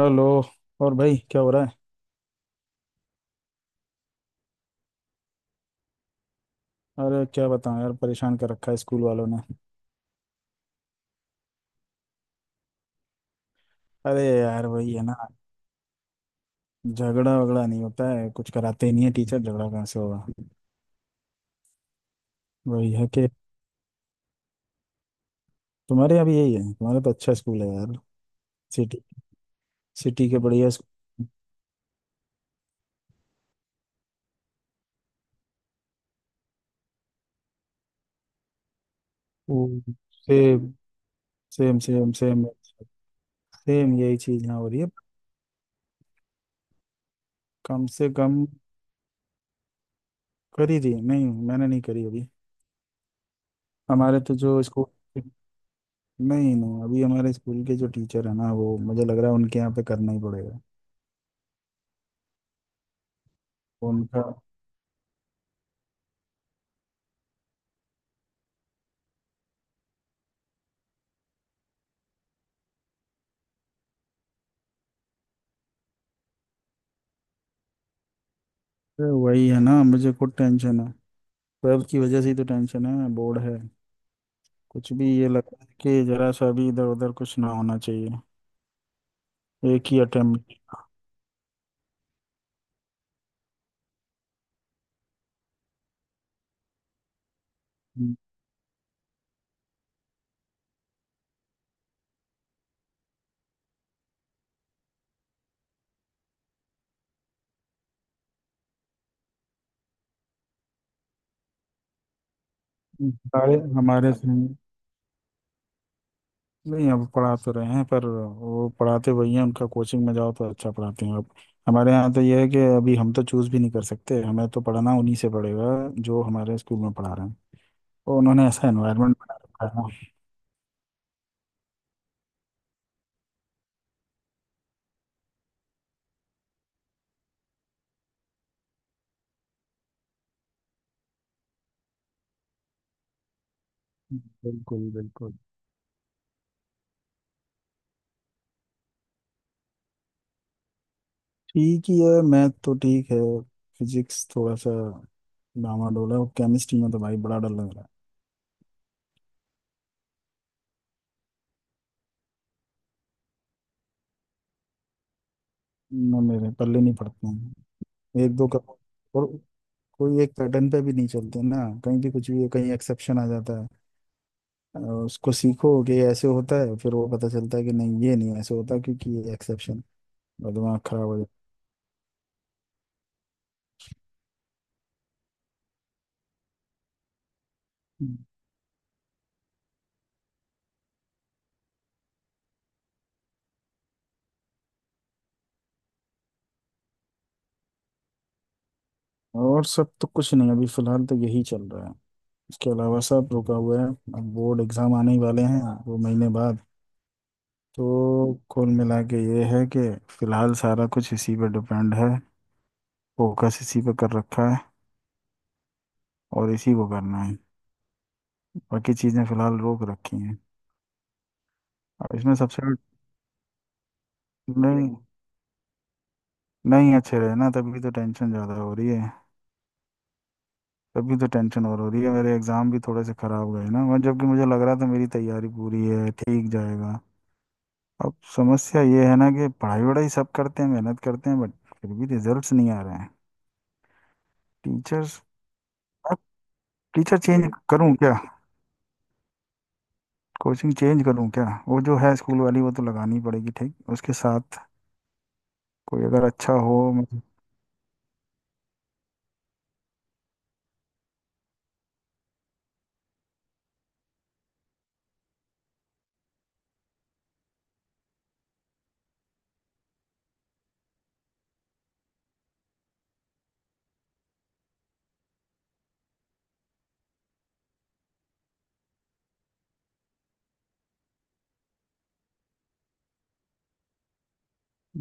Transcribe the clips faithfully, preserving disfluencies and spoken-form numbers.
Hello. और भाई क्या हो रहा है? अरे क्या बताऊं यार, परेशान कर रखा है स्कूल वालों ने। अरे यार वही है ना, झगड़ा वगड़ा नहीं होता है, कुछ कराते ही नहीं है टीचर, झगड़ा कहाँ से होगा। वही है कि तुम्हारे यहाँ भी यही है। तुम्हारा तो अच्छा स्कूल है यार, सिटी। सिटी के बढ़िया school. Same same same. Same, same यही चीज़ यहाँ हो रही है। कम से कम करी थी। नहीं मैंने नहीं करी अभी। हमारे तो जो स्कूल, नहीं नहीं, अभी हमारे स्कूल के जो टीचर है ना, वो मुझे लग रहा है उनके यहाँ पे करना ही पड़ेगा उनका। अरे वही है ना, मुझे खुद टेंशन है। वेब की वजह से ही तो टेंशन है, बोर्ड है। कुछ भी ये लगता है कि जरा सा भी इधर उधर कुछ ना होना चाहिए, एक ही अटेम्प्ट। हम्म, सारे हमारे से। नहीं अब पढ़ा तो रहे हैं, पर वो पढ़ाते वही हैं। उनका कोचिंग में जाओ तो अच्छा पढ़ाते हैं। अब हमारे यहाँ तो ये है कि अभी हम तो चूज भी नहीं कर सकते, हमें तो पढ़ना उन्हीं से पड़ेगा जो हमारे स्कूल में पढ़ा रहे हैं। और उन्होंने ऐसा एनवायरनमेंट बना रखा है ना। बिल्कुल बिल्कुल। ठीक ही है, मैथ तो ठीक है। फिजिक्स थोड़ा सा डामाडोल है, और केमिस्ट्री में तो भाई बड़ा डर लग रहा। है ना, मेरे पल्ले नहीं पड़ते हैं। एक दो का, और कोई एक पैटर्न पे भी नहीं चलते ना, कहीं भी कुछ भी, कहीं एक्सेप्शन आ जाता है। और उसको सीखो कि ये ऐसे होता है, फिर वो पता चलता है कि नहीं, ये नहीं ऐसे होता, क्योंकि ये एक्सेप्शन। दिमाग खराब हो जाता है। और सब तो कुछ नहीं, अभी फिलहाल तो यही चल रहा है। इसके अलावा सब रुका हुआ है। अब बोर्ड एग्जाम आने ही वाले हैं, दो महीने बाद। तो कुल मिला के ये है कि फिलहाल सारा कुछ इसी पे डिपेंड है, फोकस इसी पे कर रखा है, और इसी को करना है। बाकी चीज़ें फिलहाल रोक रखी हैं। अब इसमें सबसे, नहीं। नहीं अच्छे रहे ना, तभी तो टेंशन ज़्यादा हो रही है। तभी तो टेंशन और हो रही है। मेरे एग्ज़ाम भी थोड़े से ख़राब गए ना, और जबकि मुझे लग रहा था मेरी तैयारी पूरी है, ठीक जाएगा। अब समस्या ये है ना कि पढ़ाई वढ़ाई सब करते हैं, मेहनत करते हैं, बट फिर भी रिजल्ट्स नहीं आ रहे हैं। टीचर्स, अब टीचर चेंज करूं क्या? कोचिंग चेंज करूँ क्या? वो जो है स्कूल वाली, वो तो लगानी पड़ेगी ठीक उसके साथ कोई अगर अच्छा हो।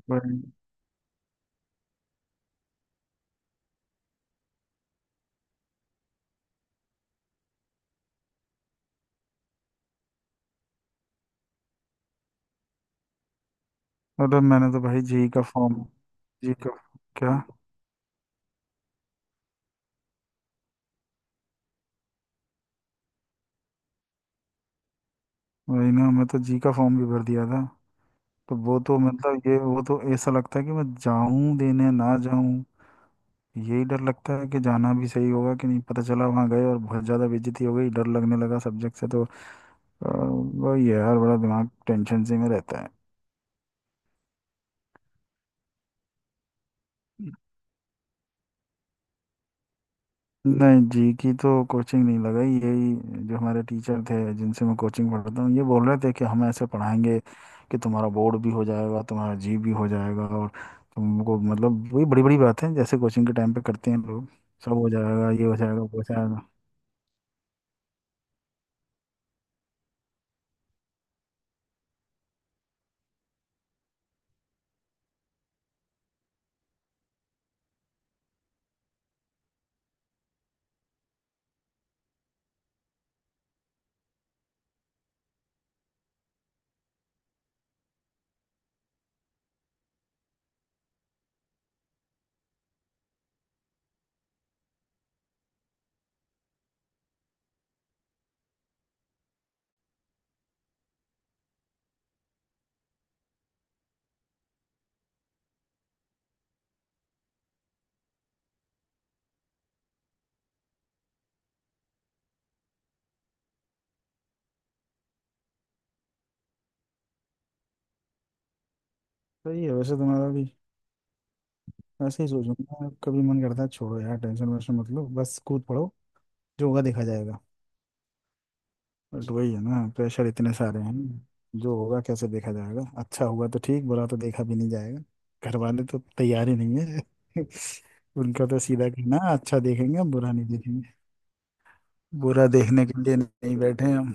मतलब, अरे मैंने तो भाई जी का फॉर्म, जी का क्या, वही ना, मैं तो जी का फॉर्म भी भर दिया था। तो वो तो मतलब ये, वो तो ऐसा लगता है कि मैं जाऊं देने ना जाऊं। यही डर लगता है कि जाना भी सही होगा कि नहीं, पता चला वहां गए और बहुत ज्यादा बेइज्जती हो गई, डर लगने लगा सब्जेक्ट से तो। अ, वही है यार, बड़ा दिमाग टेंशन से में रहता है। नहीं जी की तो कोचिंग नहीं लगाई, यही जो हमारे टीचर थे जिनसे मैं कोचिंग पढ़ता हूँ, ये बोल रहे थे कि हम ऐसे पढ़ाएंगे कि तुम्हारा बोर्ड भी हो जाएगा, तुम्हारा जी भी हो जाएगा, और तुमको, मतलब वही बड़ी बड़ी बातें हैं जैसे कोचिंग के टाइम पे करते हैं लोग। सब हो जाएगा, ये हो जाएगा, वो हो जाएगा। सही है, वैसे तुम्हारा भी, वैसे ही सोचूंगा। कभी मन करता है छोड़ो यार टेंशन वेंशन, मतलब बस कूद पड़ो, जो होगा देखा जाएगा। बस वही है ना, प्रेशर इतने सारे हैं। जो होगा कैसे देखा जाएगा, अच्छा हुआ तो ठीक, बुरा तो देखा भी नहीं जाएगा। घर वाले तो तैयार ही नहीं है उनका तो सीधा कहना है, अच्छा देखेंगे हम, बुरा नहीं देखेंगे। बुरा देखने के लिए नहीं बैठे हैं हम।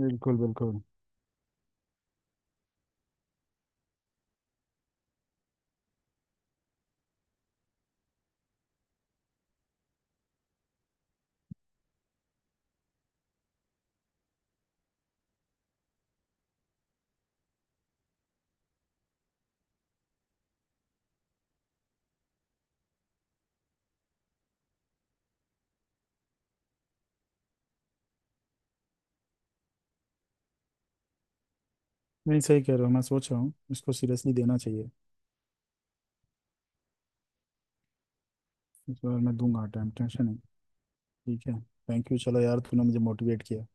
बिल्कुल बिल्कुल। नहीं सही कह रहे हो, मैं सोच रहा हूँ इसको सीरियसली देना चाहिए। इस बार मैं दूंगा टाइम, टेंशन है। ठीक है, थैंक यू। चलो यार, तूने मुझे मोटिवेट किया।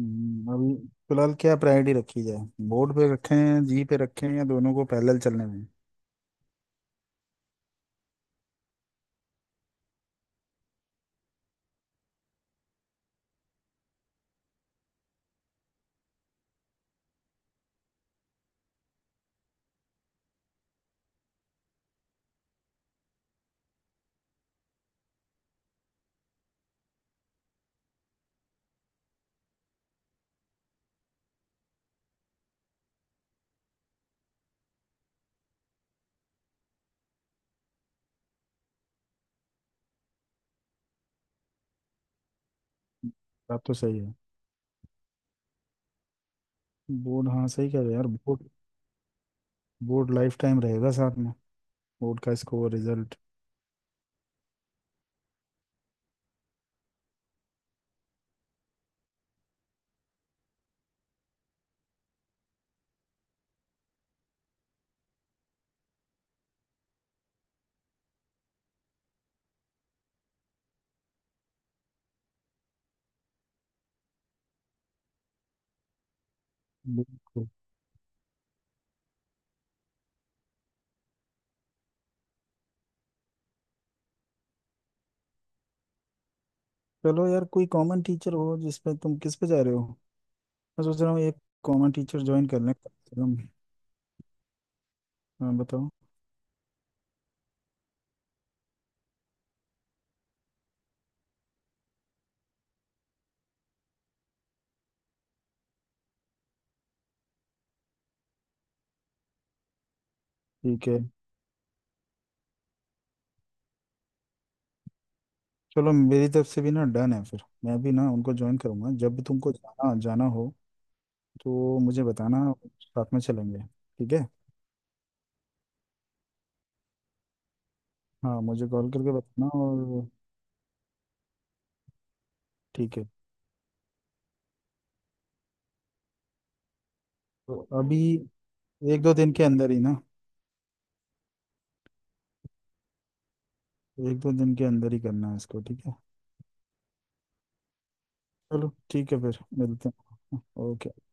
हम्म, अभी फिलहाल क्या प्रायोरिटी रखी जाए? बोर्ड पे रखें, जी पे रखें, या दोनों को पैरेलल चलने में? बात तो सही है। बोर्ड, हाँ सही कह रहे हो यार, बोर्ड। बोर्ड लाइफ टाइम रहेगा साथ में, बोर्ड का स्कोर रिजल्ट। बिल्कुल। चलो यार कोई कॉमन टीचर हो जिसपे, तुम किस पे जा रहे हो? मैं सोच रहा हूँ एक कॉमन टीचर ज्वाइन कर लें कम से कम। हाँ बताओ। ठीक है। चलो मेरी तरफ से भी ना डन है, फिर मैं भी ना उनको ज्वाइन करूंगा। जब भी तुमको जाना जाना हो तो मुझे बताना, साथ में चलेंगे। ठीक है। हाँ मुझे कॉल करके बताना। और ठीक है। तो अभी एक दो दिन के अंदर ही ना, एक दो दिन के अंदर ही करना है इसको, ठीक है? चलो ठीक है, फिर मिलते हैं। ओके।